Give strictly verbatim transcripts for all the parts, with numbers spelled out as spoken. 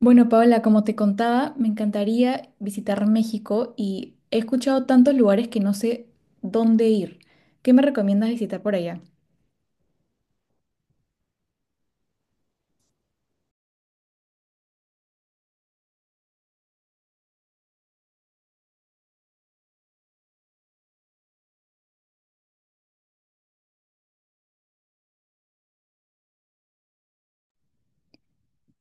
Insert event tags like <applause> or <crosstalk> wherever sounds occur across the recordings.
Bueno, Paola, como te contaba, me encantaría visitar México y he escuchado tantos lugares que no sé dónde ir. ¿Qué me recomiendas visitar por allá?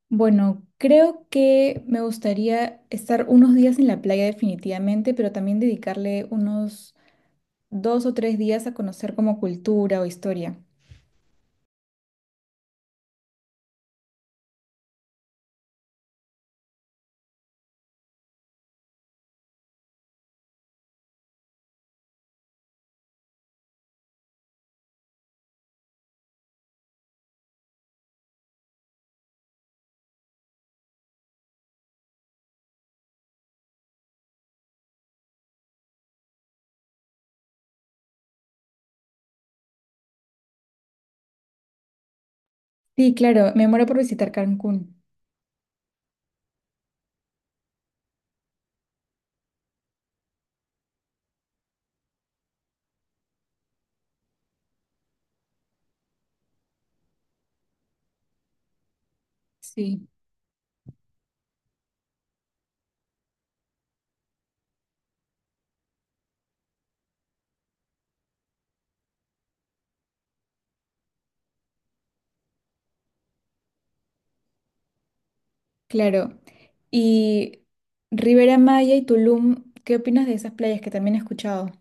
Bueno, creo que me gustaría estar unos días en la playa definitivamente, pero también dedicarle unos dos o tres días a conocer como cultura o historia. Sí, claro, me muero por visitar Cancún. Sí, claro. Y Rivera Maya y Tulum, ¿qué opinas de esas playas que también he escuchado?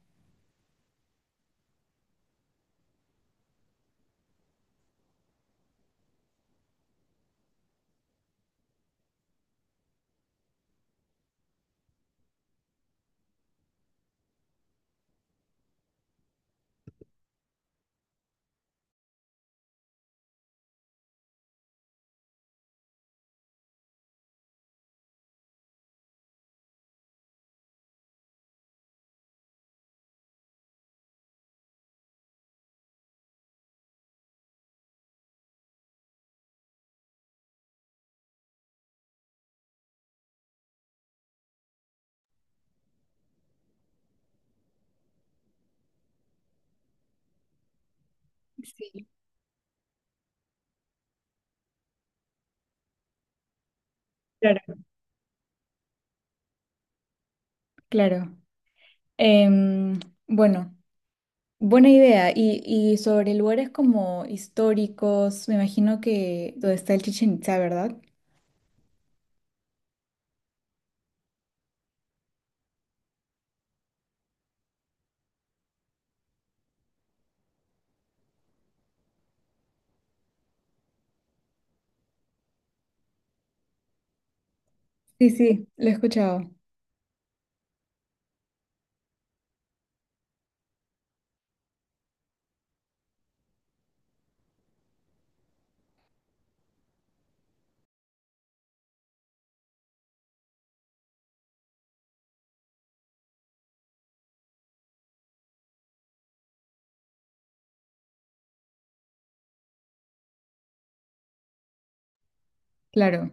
Sí, claro. Claro. Em, bueno, buena idea. Y, y sobre lugares como históricos, me imagino que donde está el Chichen Itza, ¿verdad? Sí, sí, lo he escuchado. Claro.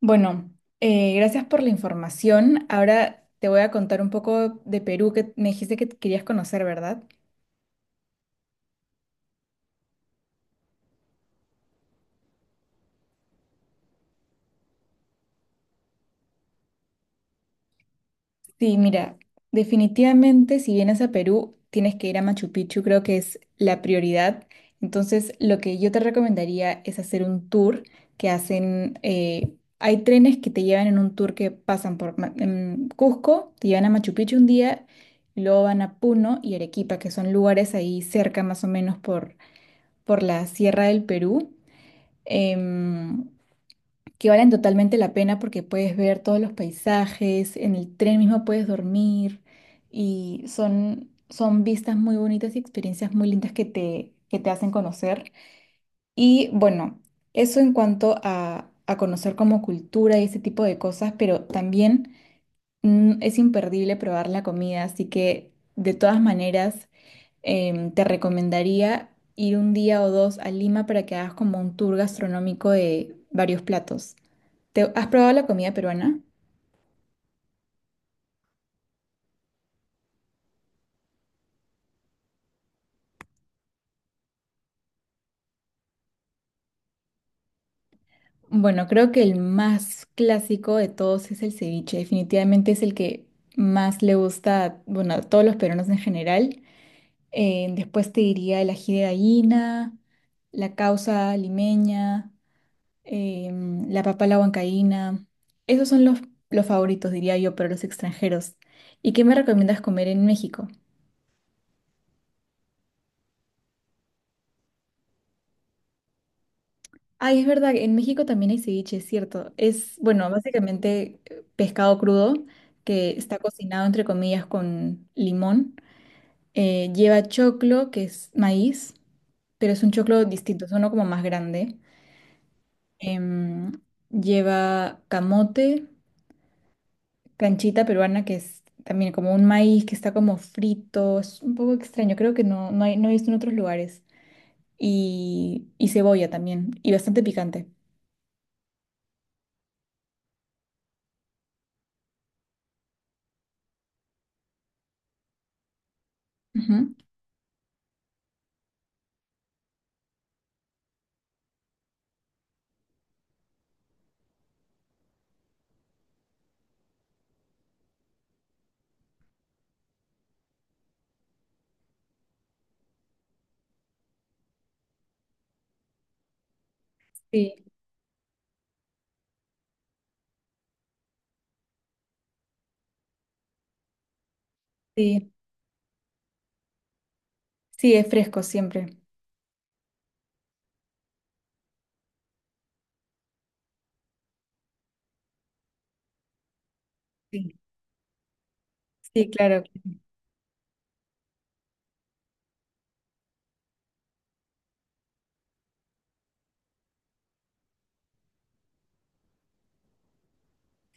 Bueno, eh, gracias por la información. Ahora te voy a contar un poco de Perú que me dijiste que querías conocer, ¿verdad? Sí, mira, definitivamente si vienes a Perú, tienes que ir a Machu Picchu, creo que es la prioridad. Entonces, lo que yo te recomendaría es hacer un tour que hacen, eh, hay trenes que te llevan en un tour que pasan por Ma- en Cusco, te llevan a Machu Picchu un día, y luego van a Puno y Arequipa, que son lugares ahí cerca más o menos por, por la Sierra del Perú. Em, que valen totalmente la pena porque puedes ver todos los paisajes, en el tren mismo puedes dormir y son, son vistas muy bonitas y experiencias muy lindas que te, que te hacen conocer. Y bueno, eso en cuanto a, a conocer como cultura y ese tipo de cosas, pero también mm, es imperdible probar la comida, así que de todas maneras em, te recomendaría ir un día o dos a Lima para que hagas como un tour gastronómico de varios platos. ¿Te, ¿has probado la comida peruana? Bueno, creo que el más clásico de todos es el ceviche. Definitivamente es el que más le gusta, a- bueno, a todos los peruanos en general. Eh, después te diría el ají de gallina, la causa limeña. Em, la papa a la huancaína. Esos son los, los favoritos, diría yo, para los extranjeros. ¿Y qué me recomiendas comer en México? Ay, es verdad, en México también hay ceviche, es cierto. Es, bueno, básicamente eh, pescado crudo que está cocinado, entre comillas, con limón. Eh, lleva choclo, que es maíz, pero es un choclo distinto, es uno como más grande. Em, Lleva camote, canchita peruana que es también como un maíz que está como frito, es un poco extraño, creo que no, no, hay- no he visto en otros lugares. Y, y cebolla también, y bastante picante. Ujú. Sí, sí, sí, es fresco siempre. Sí, sí, claro.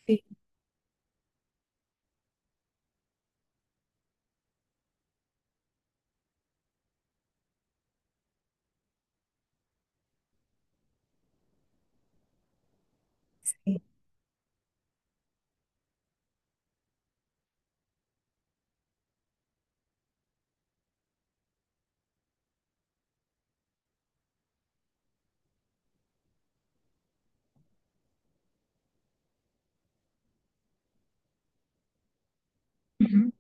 Sí, sí. Ujú.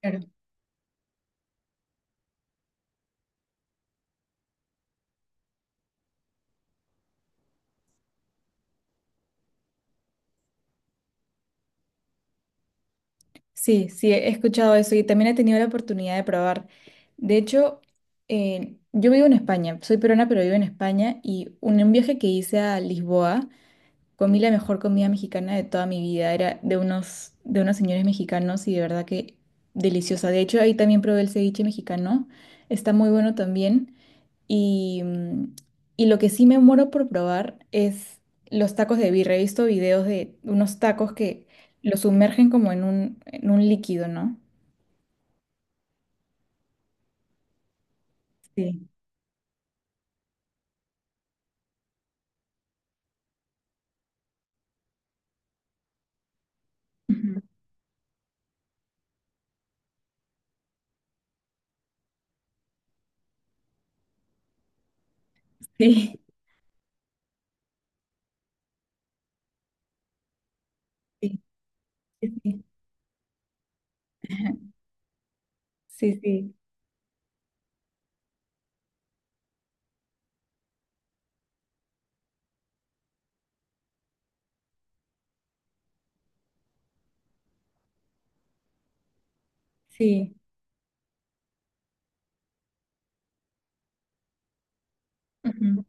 Claro. Sí, sí, he escuchado eso y también he tenido la oportunidad de probar. De hecho, eh, yo vivo en España, soy peruana, pero vivo en España y un, un viaje que hice a Lisboa. Comí la mejor comida mexicana de toda mi vida. Era de unos, de unos señores mexicanos y de verdad que deliciosa. De hecho, ahí también probé el ceviche mexicano. Está muy bueno también. Y, mm, y lo que sí me muero por probar es los tacos de birria. He visto videos de unos tacos que los sumergen como en un, en un líquido, ¿no? Sí. Ujú. Sí, sí, sí. Sí, <laughs> sí, sí. Sí. Ujú,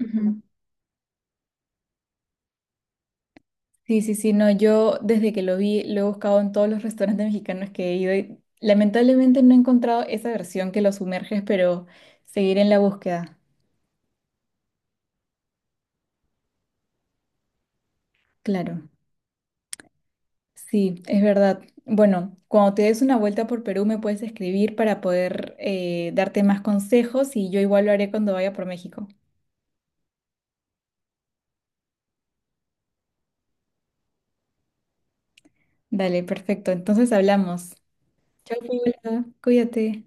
ujú. Sí, sí, sí, no, yo desde que lo vi lo he buscado en todos los restaurantes mexicanos que he ido y lamentablemente no he encontrado esa versión que lo sumerges, pero seguiré en la búsqueda. Claro, sí, es verdad. Bueno, cuando te des una vuelta por Perú me puedes escribir para poder eh, darte más consejos y yo igual lo haré cuando vaya por México. Dale, perfecto, entonces hablamos. Chao, Paula, cuídate.